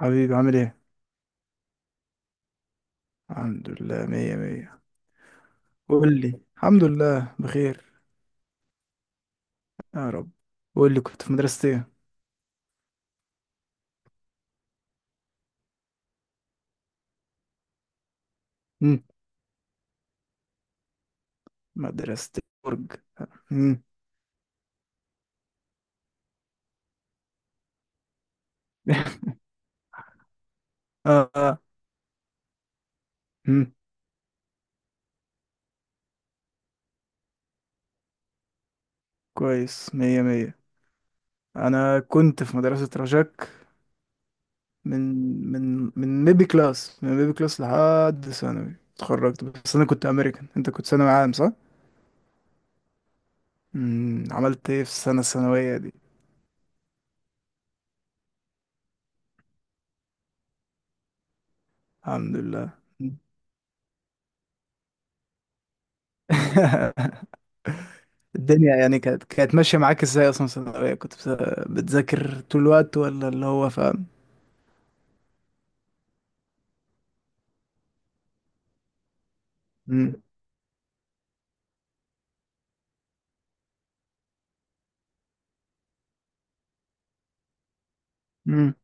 حبيبي عامل ايه؟ الحمد لله، مية مية. قول لي، الحمد لله بخير. يا رب. قول لي، كنت في مدرسة ايه؟ مم. مدرسة برج. مم. اه آه. مم. كويس، مية مية. انا كنت في مدرسة رجاك من من ميبي كلاس من ميبي كلاس لحد ثانوي اتخرجت، بس انا كنت امريكان. انت كنت ثانوي عام، صح؟ مم. عملت ايه في السنة الثانوية دي؟ الحمد لله. الدنيا يعني كانت ماشية معاك ازاي؟ اصلا ثانوية كنت بتذاكر طول الوقت ولا اللي هو فاهم؟ امم امم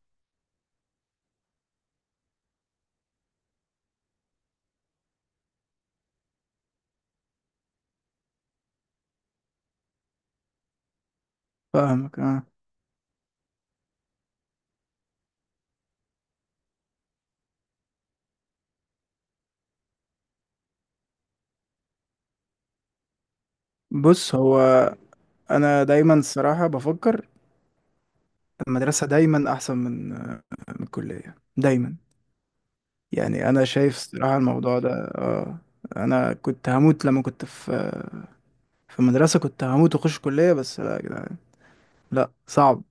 فاهمك، اه. بص، هو انا دايما الصراحة بفكر المدرسة دايما احسن من الكلية دايما. يعني انا شايف الصراحة الموضوع ده، اه. انا كنت هموت لما كنت في المدرسة، كنت هموت واخش كلية. بس لا يا جدعان، لا، صعب.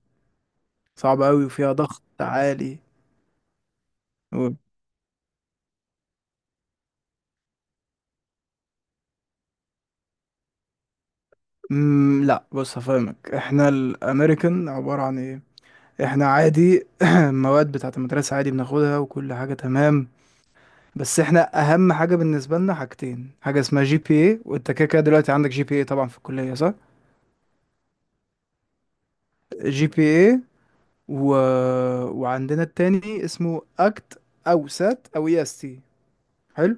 صعب قوي وفيها ضغط عالي. مم، لا، بص هفهمك، احنا الامريكان عبارة عن ايه. احنا عادي المواد بتاعت المدرسة عادي بناخدها، وكل حاجة تمام. بس احنا اهم حاجة بالنسبة لنا حاجتين: حاجة اسمها جي بي اي، وانت كده كده دلوقتي عندك جي بي اي طبعا في الكلية، صح؟ جي بي اي و... وعندنا التاني اسمه اكت او سات او اي اس تي. حلو.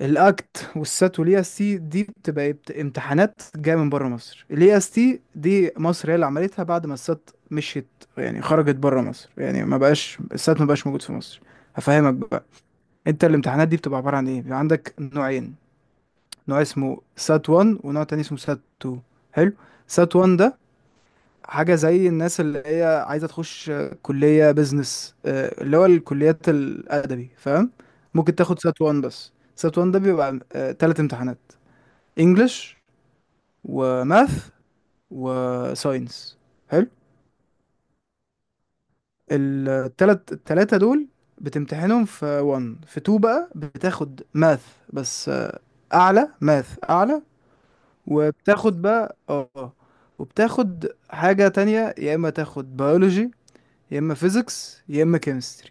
الاكت والسات والاي اس تي دي بتبقى امتحانات جايه من بره مصر. الاي اس تي دي مصر هي اللي عملتها بعد ما السات مشيت، يعني خرجت بره مصر، يعني ما بقاش السات، ما بقاش موجود في مصر. هفهمك بقى. انت الامتحانات دي بتبقى عباره عن ايه؟ بيبقى عندك نوعين: نوع اسمه سات 1، ونوع تاني اسمه سات 2. حلو. سات 1 ده حاجه زي الناس اللي هي عايزه تخش كليه بيزنس، اللي هو الكليات الادبي، فاهم؟ ممكن تاخد سات 1 بس. سات 1 ده بيبقى ثلاث امتحانات: انجلش، وماث، وساينس. حلو. التلات التلاتة دول بتمتحنهم في 1. في 2 بقى بتاخد ماث بس، اعلى، ماث اعلى، وبتاخد بقى وبتاخد حاجة تانية، يا اما تاخد بيولوجي، يا اما فيزيكس، يا اما كيمستري.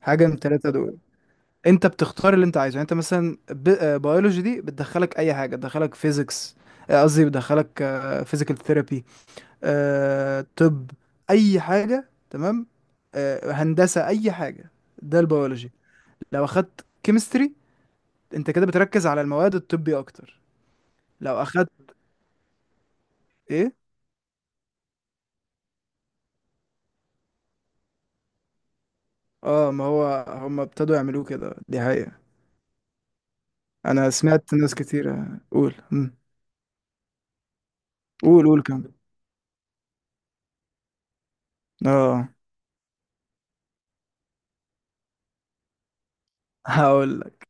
حاجة من التلاتة دول. انت بتختار اللي انت عايزه. يعني انت مثلا بيولوجي دي بتدخلك اي حاجة، بتدخلك فيزيكس، قصدي بتدخلك فيزيكال ثيرابي، طب، اي حاجه، تمام؟ هندسه، اي حاجه. ده البيولوجي. لو اخدت كيمستري، انت كده بتركز على المواد الطبي اكتر. لو اخدت ايه؟ اه، ما هو هم ابتدوا يعملوه كده، دي حقيقه. انا سمعت ناس كتير. قول، مم. قول قول كم. اه. هقول لك.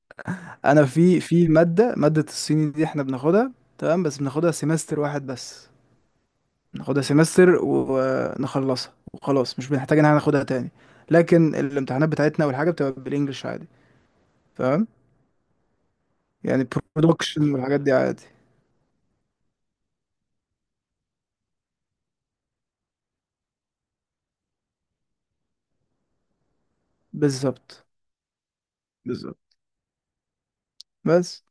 انا في ماده الصيني دي احنا بناخدها تمام، بس بناخدها سيمستر واحد بس. ناخدها سمستر ونخلصها وخلاص، مش بنحتاج ان احنا ناخدها تاني. لكن الامتحانات بتاعتنا والحاجه بتبقى بالانجلش عادي، فاهم؟ يعني برودكشن والحاجات دي عادي. بالظبط. بالظبط. بس.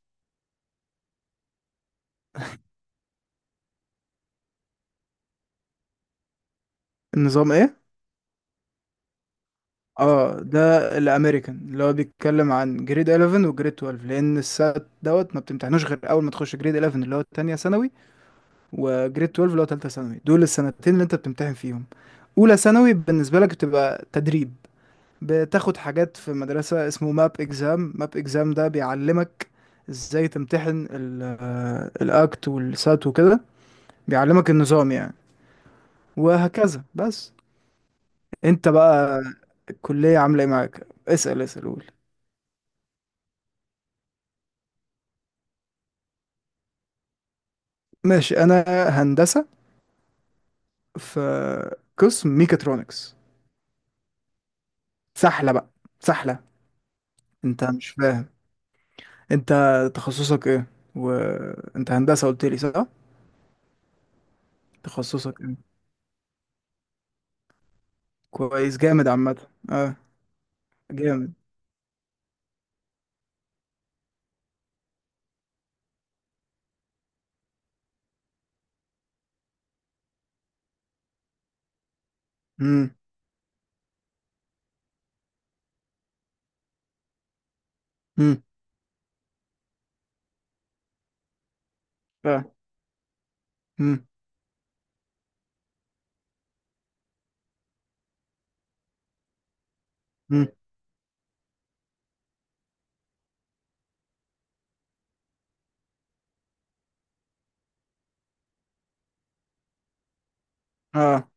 النظام ايه؟ اه، ده الامريكان اللي هو بيتكلم عن جريد 11 وجريد 12، لان السات دوت ما بتمتحنوش غير اول ما تخش جريد 11 اللي هو تانية ثانوي، وجريد 12 اللي هو تالتة ثانوي. دول السنتين اللي انت بتمتحن فيهم. اولى ثانوي بالنسبه لك بتبقى تدريب. بتاخد حاجات في مدرسة اسمه ماب اكزام. ماب اكزام ده بيعلمك ازاي تمتحن الاكت والسات وكده. بيعلمك النظام يعني. وهكذا بس. انت بقى الكلية عاملة ايه معاك؟ اسأل اسأل، قول. ماشي. انا هندسة، في قسم ميكاترونكس. سحلة بقى، سحلة. انت مش فاهم. انت تخصصك ايه؟ وانت هندسة قلت لي، صح؟ تخصصك ايه؟ كويس، جامد عامة، اه. جامد. امم ف. مم. مم. اه،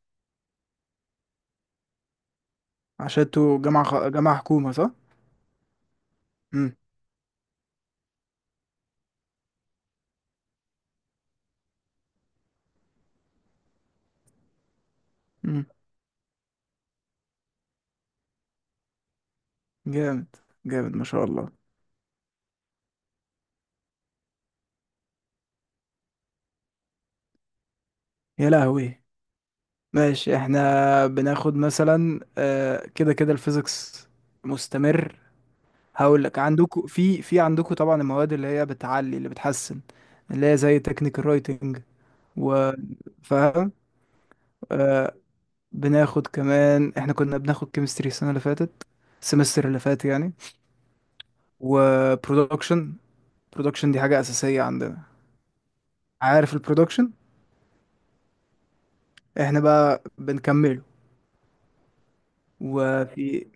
عشان انتوا جامعة جامعة حكومة، صح؟ مم. مم. جامد جامد ما شاء الله. يا لهوي. ماشي، احنا بناخد مثلا كده كده الفيزيكس مستمر. هقول لك، عندكم في في عندكم طبعا المواد اللي هي بتعلي اللي بتحسن، اللي هي زي تكنيكال رايتنج، و، فاهم؟ آه. بناخد كمان، احنا كنا بناخد كيمستري السنة اللي فاتت، السمستر اللي فات يعني. وبرودكشن. البرودكشن دي حاجة أساسية عندنا، عارف البرودكشن؟ احنا بقى بنكمله. وفي،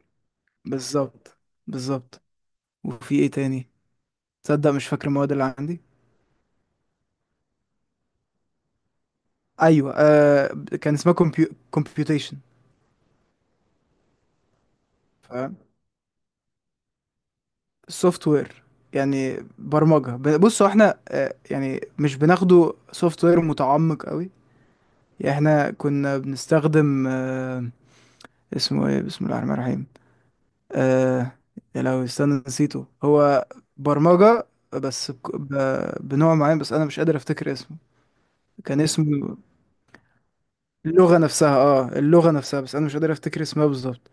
بالظبط. بالظبط. وفي ايه تاني؟ تصدق مش فاكر المواد اللي عندي. ايوه، آه. كان اسمها كومبيوتيشن. سوفت وير يعني. برمجة، بصوا احنا، يعني مش بناخده سوفت وير متعمق قوي. يعني احنا كنا بنستخدم، اسمه ايه، بسم الله الرحمن الرحيم، آه. يا، لو استنى، نسيته هو. برمجة، بس بنوع معين، بس أنا مش قادر أفتكر اسمه. كان اسمه. اللغة نفسها، اه، اللغة نفسها بس أنا مش قادر أفتكر اسمها بالظبط.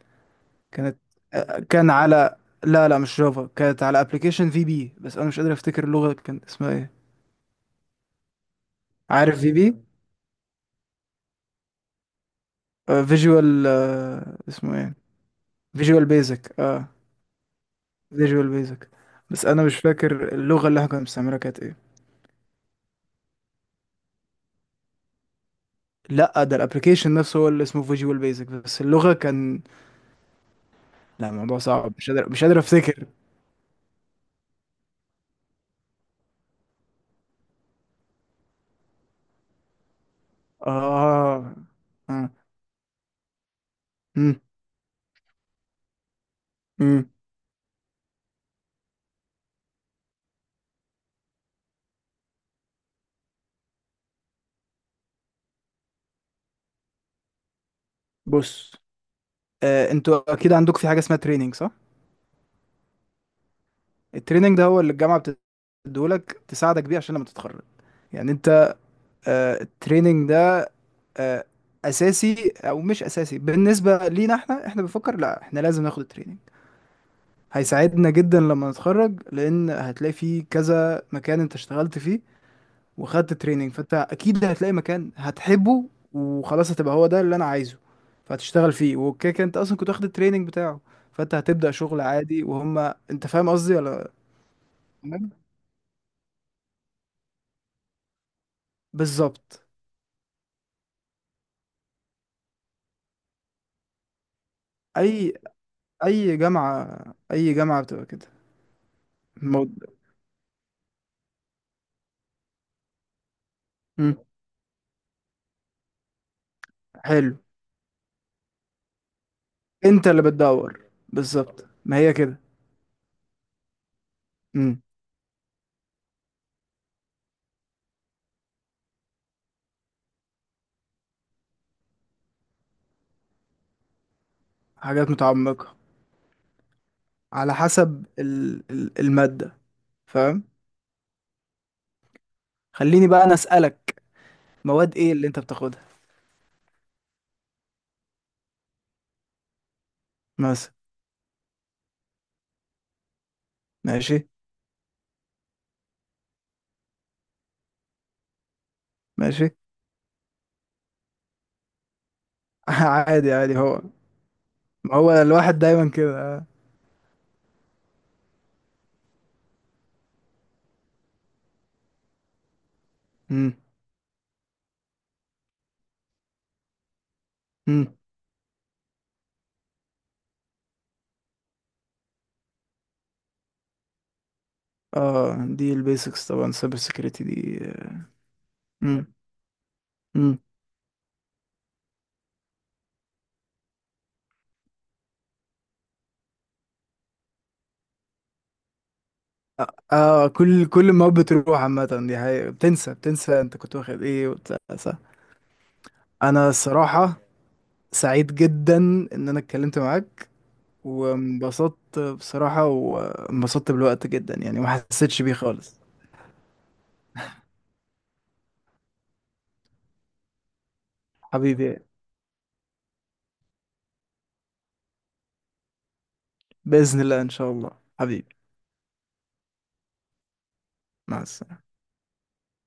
كانت، كان على، لا لا، مش جافا، كانت على ابلكيشن في بي، بس أنا مش قادر أفتكر اللغة كان اسمها ايه. عارف في بي، فيجوال. اسمه ايه؟ فيجوال بيزك، اه. فيجوال بيزك. بس أنا مش فاكر اللغة اللي احنا كنا بنستعملها كانت ايه. لا، ده الابلكيشن نفسه هو اللي اسمه فيجوال بيزك، بس اللغة كان. لا، الموضوع صعب، مش قادر افتكر. اه اه. امم امم. بص، انتوا اكيد عندكم في حاجة اسمها تريننج، صح؟ التريننج ده هو اللي الجامعة بتديهولك تساعدك بيه عشان لما تتخرج. يعني انت، التريننج ده، آه اساسي او مش اساسي؟ بالنسبة لينا احنا، احنا بنفكر، لا احنا لازم ناخد التريننج. هيساعدنا جدا لما نتخرج، لان هتلاقي فيه كذا مكان انت اشتغلت فيه وخدت تريننج، فانت اكيد هتلاقي مكان هتحبه وخلاص، هتبقى هو ده اللي انا عايزه، فهتشتغل فيه. وكده كده انت اصلا كنت واخد التريننج بتاعه، فانت هتبدأ شغل عادي وهم. انت فاهم قصدي ولا؟ تمام؟ بالظبط. اي اي جامعة. اي جامعة بتبقى كده، الموضوع. مم. حلو. انت اللي بتدور. بالظبط، ما هي كده. مم. حاجات متعمقة، على حسب المادة، فاهم؟ خليني بقى انا اسألك، مواد ايه اللي انت بتاخدها مثلا؟ ماشي. ماشي. عادي عادي هو. هو الواحد دايما كده. امم، امم. اه، دي البيسكس طبعا، سايبر سيكيورتي دي. امم، امم. اه، كل ما بتروح عامة دي حقيقة، بتنسى بتنسى انت كنت واخد ايه وبتاع، صح؟ انا الصراحة سعيد جدا ان انا اتكلمت معاك، وانبسطت بصراحة، وانبسطت بالوقت جدا، يعني ما حسيتش بيه خالص. حبيبي. بإذن الله، ان شاء الله. حبيبي. مع السلامة.